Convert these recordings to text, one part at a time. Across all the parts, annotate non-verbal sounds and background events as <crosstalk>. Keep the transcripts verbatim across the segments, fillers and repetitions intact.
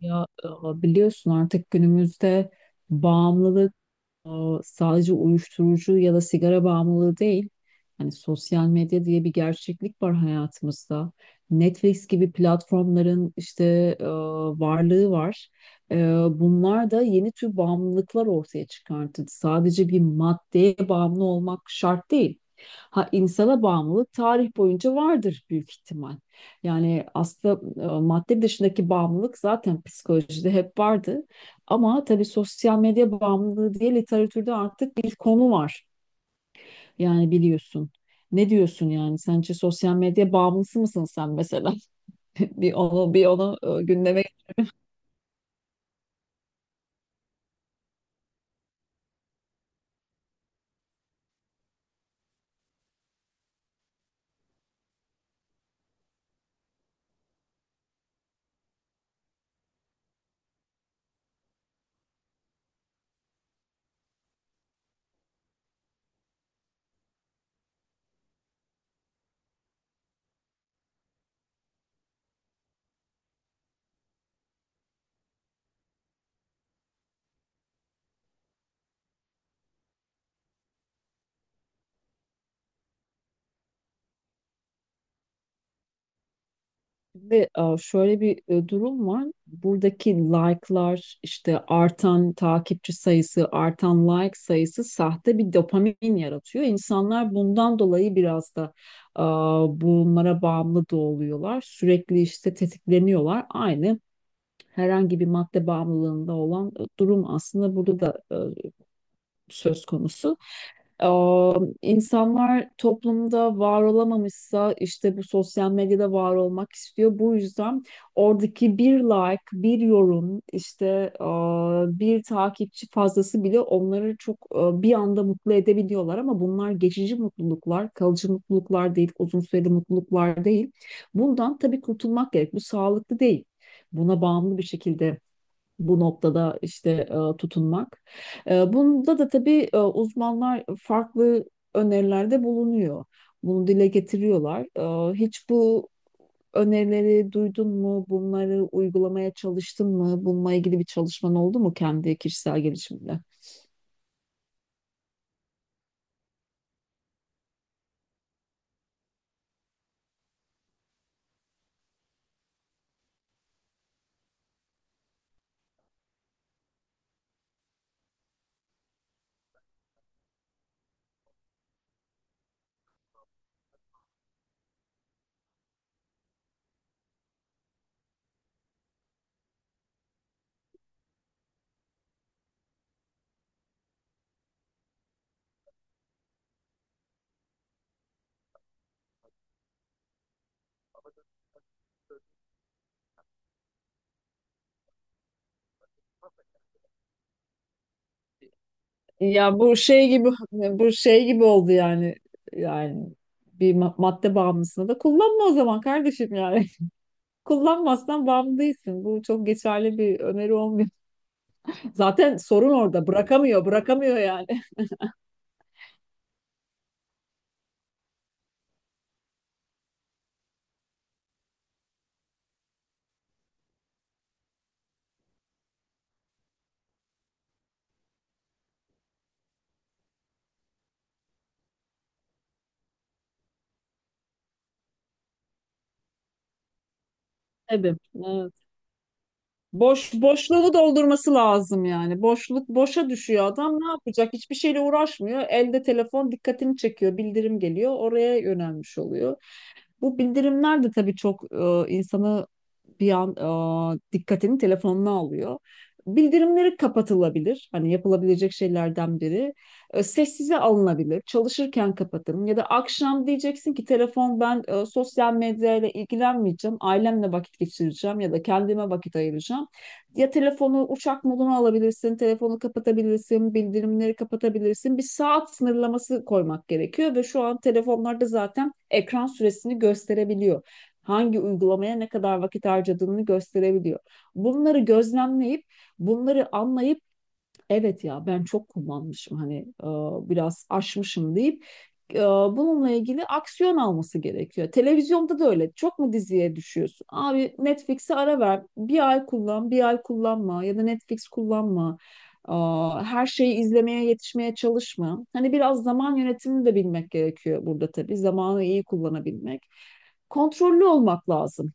Ya e, biliyorsun artık günümüzde bağımlılığı Aa, sadece uyuşturucu ya da sigara bağımlılığı değil. Hani sosyal medya diye bir gerçeklik var hayatımızda. Netflix gibi platformların işte e, varlığı var. E, bunlar da yeni tür bağımlılıklar ortaya çıkarttı. Sadece bir maddeye bağımlı olmak şart değil. Ha, insana bağımlılık tarih boyunca vardır büyük ihtimal. Yani aslında e, madde dışındaki bağımlılık zaten psikolojide hep vardı. Ama tabii sosyal medya bağımlılığı diye literatürde artık bir konu var. Yani biliyorsun. Ne diyorsun yani? Sence sosyal medya bağımlısı mısın sen mesela? <laughs> Bir onu bir onu e, gündeme getirdi. E, şöyle bir e, durum var. Buradaki like'lar, işte artan takipçi sayısı, artan like sayısı sahte bir dopamin yaratıyor. İnsanlar bundan dolayı biraz da e, bunlara bağımlı da oluyorlar. Sürekli işte tetikleniyorlar. Aynı herhangi bir madde bağımlılığında olan e, durum aslında burada da e, söz konusu. Ee, insanlar toplumda var olamamışsa işte bu sosyal medyada var olmak istiyor. Bu yüzden oradaki bir like, bir yorum, işte e, bir takipçi fazlası bile onları çok e, bir anda mutlu edebiliyorlar ama bunlar geçici mutluluklar, kalıcı mutluluklar değil, uzun süreli mutluluklar değil. Bundan tabii kurtulmak gerek. Bu sağlıklı değil. Buna bağımlı bir şekilde bu noktada işte e, tutunmak. E, bunda da tabii e, uzmanlar farklı önerilerde bulunuyor. Bunu dile getiriyorlar. E, hiç bu önerileri duydun mu? Bunları uygulamaya çalıştın mı? Bununla ilgili bir çalışman oldu mu kendi kişisel gelişiminde? Ya, bu şey gibi bu şey gibi oldu yani. Yani bir ma- madde bağımlısını da kullanma o zaman kardeşim yani. <laughs> Kullanmazsan bağımlı değilsin. Bu çok geçerli bir öneri olmuyor. Zaten sorun orada. Bırakamıyor, bırakamıyor yani. <laughs> Tabii. Evet. Boş boşluğu doldurması lazım yani. Boşluk boşa düşüyor adam. Ne yapacak? Hiçbir şeyle uğraşmıyor. Elde telefon dikkatini çekiyor. Bildirim geliyor. Oraya yönelmiş oluyor. Bu bildirimler de tabii çok e, insanı bir an e, dikkatini telefonuna alıyor. Bildirimleri kapatılabilir. Hani yapılabilecek şeylerden biri. E, sessize alınabilir. Çalışırken kapatın. Ya da akşam diyeceksin ki telefon ben e, sosyal medyayla ilgilenmeyeceğim. Ailemle vakit geçireceğim ya da kendime vakit ayıracağım. Ya telefonu uçak moduna alabilirsin, telefonu kapatabilirsin, bildirimleri kapatabilirsin. Bir saat sınırlaması koymak gerekiyor ve şu an telefonlarda zaten ekran süresini gösterebiliyor. Hangi uygulamaya ne kadar vakit harcadığını gösterebiliyor. Bunları gözlemleyip, bunları anlayıp evet ya ben çok kullanmışım hani e, biraz aşmışım deyip e, bununla ilgili aksiyon alması gerekiyor. Televizyonda da öyle. Çok mu diziye düşüyorsun? Abi Netflix'e ara ver. Bir ay kullan, bir ay kullanma ya da Netflix kullanma. E, her şeyi izlemeye yetişmeye çalışma. Hani biraz zaman yönetimini de bilmek gerekiyor burada tabii. Zamanı iyi kullanabilmek. Kontrollü olmak lazım.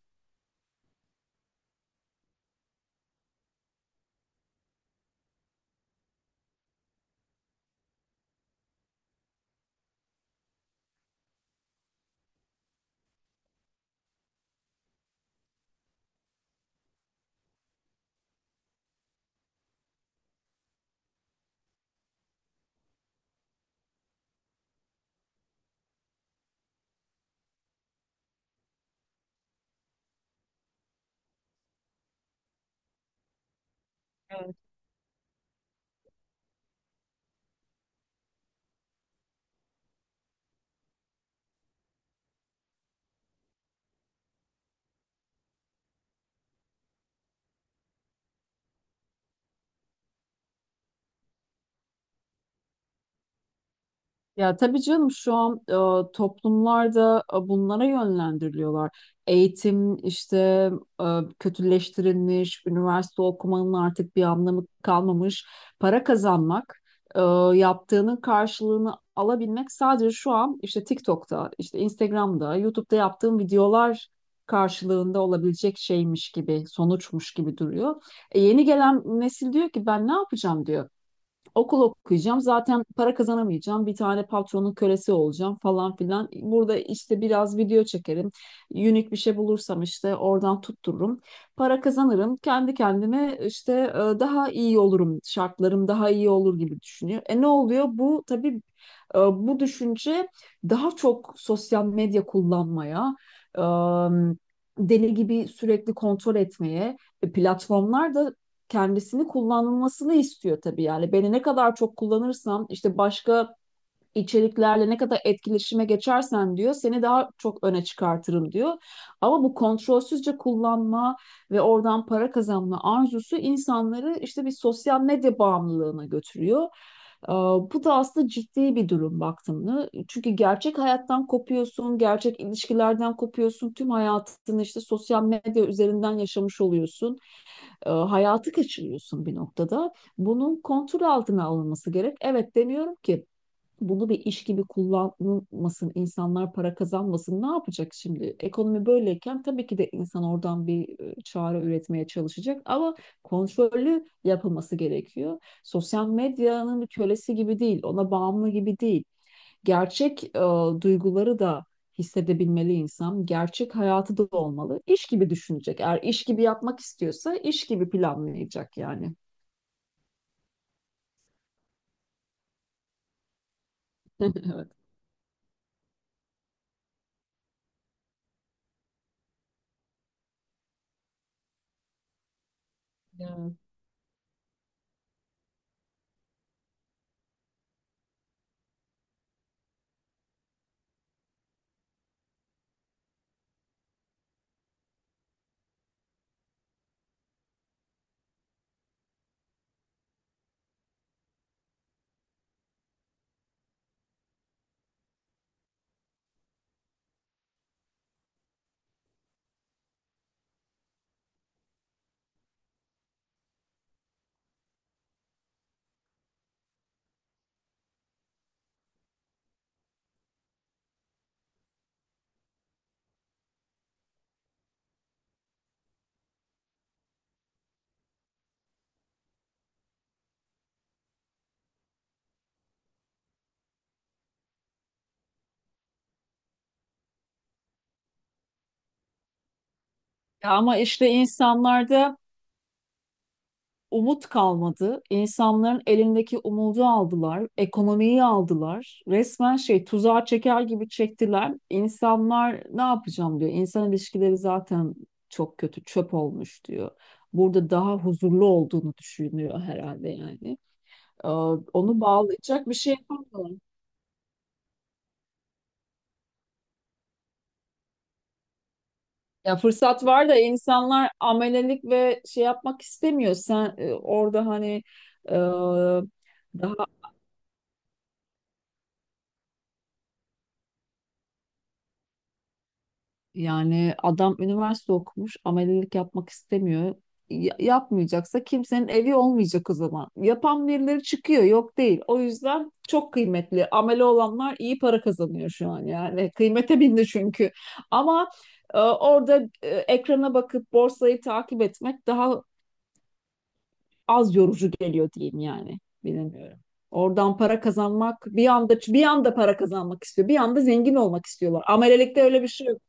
Ya tabii canım şu an e, toplumlarda e, bunlara yönlendiriliyorlar. Eğitim işte e, kötüleştirilmiş, üniversite okumanın artık bir anlamı kalmamış. Para kazanmak, e, yaptığının karşılığını alabilmek sadece şu an işte TikTok'ta, işte Instagram'da, YouTube'da yaptığım videolar karşılığında olabilecek şeymiş gibi, sonuçmuş gibi duruyor. E, yeni gelen nesil diyor ki ben ne yapacağım diyor. Okul okuyacağım. Zaten para kazanamayacağım. Bir tane patronun kölesi olacağım falan filan. Burada işte biraz video çekerim. Unik bir şey bulursam işte oradan tuttururum. Para kazanırım. Kendi kendime işte e, daha iyi olurum. Şartlarım daha iyi olur gibi düşünüyor. E ne oluyor? Bu tabii e, bu düşünce daha çok sosyal medya kullanmaya, e, deli gibi sürekli kontrol etmeye, e, platformlar da kendisini kullanılmasını istiyor tabii yani. Beni ne kadar çok kullanırsam işte başka içeriklerle ne kadar etkileşime geçersen diyor seni daha çok öne çıkartırım diyor. Ama bu kontrolsüzce kullanma ve oradan para kazanma arzusu insanları işte bir sosyal medya bağımlılığına götürüyor. Ee, Bu da aslında ciddi bir durum baktığımda. Çünkü gerçek hayattan kopuyorsun, gerçek ilişkilerden kopuyorsun. Tüm hayatını işte sosyal medya üzerinden yaşamış oluyorsun, e, hayatı kaçırıyorsun bir noktada. Bunun kontrol altına alınması gerek. Evet demiyorum ki bunu bir iş gibi kullanılmasın, insanlar para kazanmasın. Ne yapacak şimdi? Ekonomi böyleyken tabii ki de insan oradan bir e, çare üretmeye çalışacak ama kontrollü yapılması gerekiyor. Sosyal medyanın bir kölesi gibi değil, ona bağımlı gibi değil gerçek e, duyguları da hissedebilmeli insan. Gerçek hayatı da olmalı. İş gibi düşünecek. Eğer iş gibi yapmak istiyorsa iş gibi planlayacak yani. <laughs> Evet. Ya. Ya ama işte insanlarda umut kalmadı. İnsanların elindeki umudu aldılar, ekonomiyi aldılar. Resmen şey, tuzağa çeker gibi çektiler. İnsanlar ne yapacağım diyor. İnsan ilişkileri zaten çok kötü, çöp olmuş diyor. Burada daha huzurlu olduğunu düşünüyor herhalde yani. Ee, onu bağlayacak bir şey yapamıyorlar. Ya fırsat var da insanlar amelelik ve şey yapmak istemiyor. Sen e, orada hani e, daha yani adam üniversite okumuş, amelelik yapmak istemiyor. Ya- yapmayacaksa kimsenin evi olmayacak o zaman. Yapan birileri çıkıyor, yok değil. O yüzden çok kıymetli. Amele olanlar iyi para kazanıyor şu an yani. Kıymete bindi çünkü. Ama e, orada e, ekrana bakıp borsayı takip etmek daha az yorucu geliyor diyeyim yani. Bilemiyorum. Oradan para kazanmak, bir anda bir anda para kazanmak istiyor. Bir anda zengin olmak istiyorlar. Amelelikte öyle bir şey yok.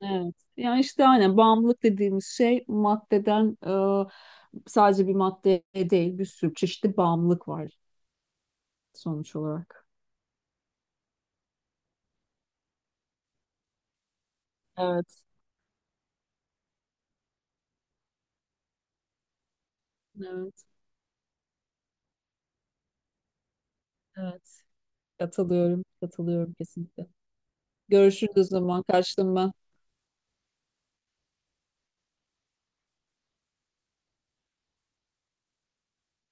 Evet. Yani işte aynen bağımlılık dediğimiz şey maddeden e, sadece bir maddeye değil bir sürü çeşitli bağımlılık var sonuç olarak. Evet. Evet, evet. Katılıyorum, katılıyorum kesinlikle. Görüşürüz o zaman. Kaçtım ben.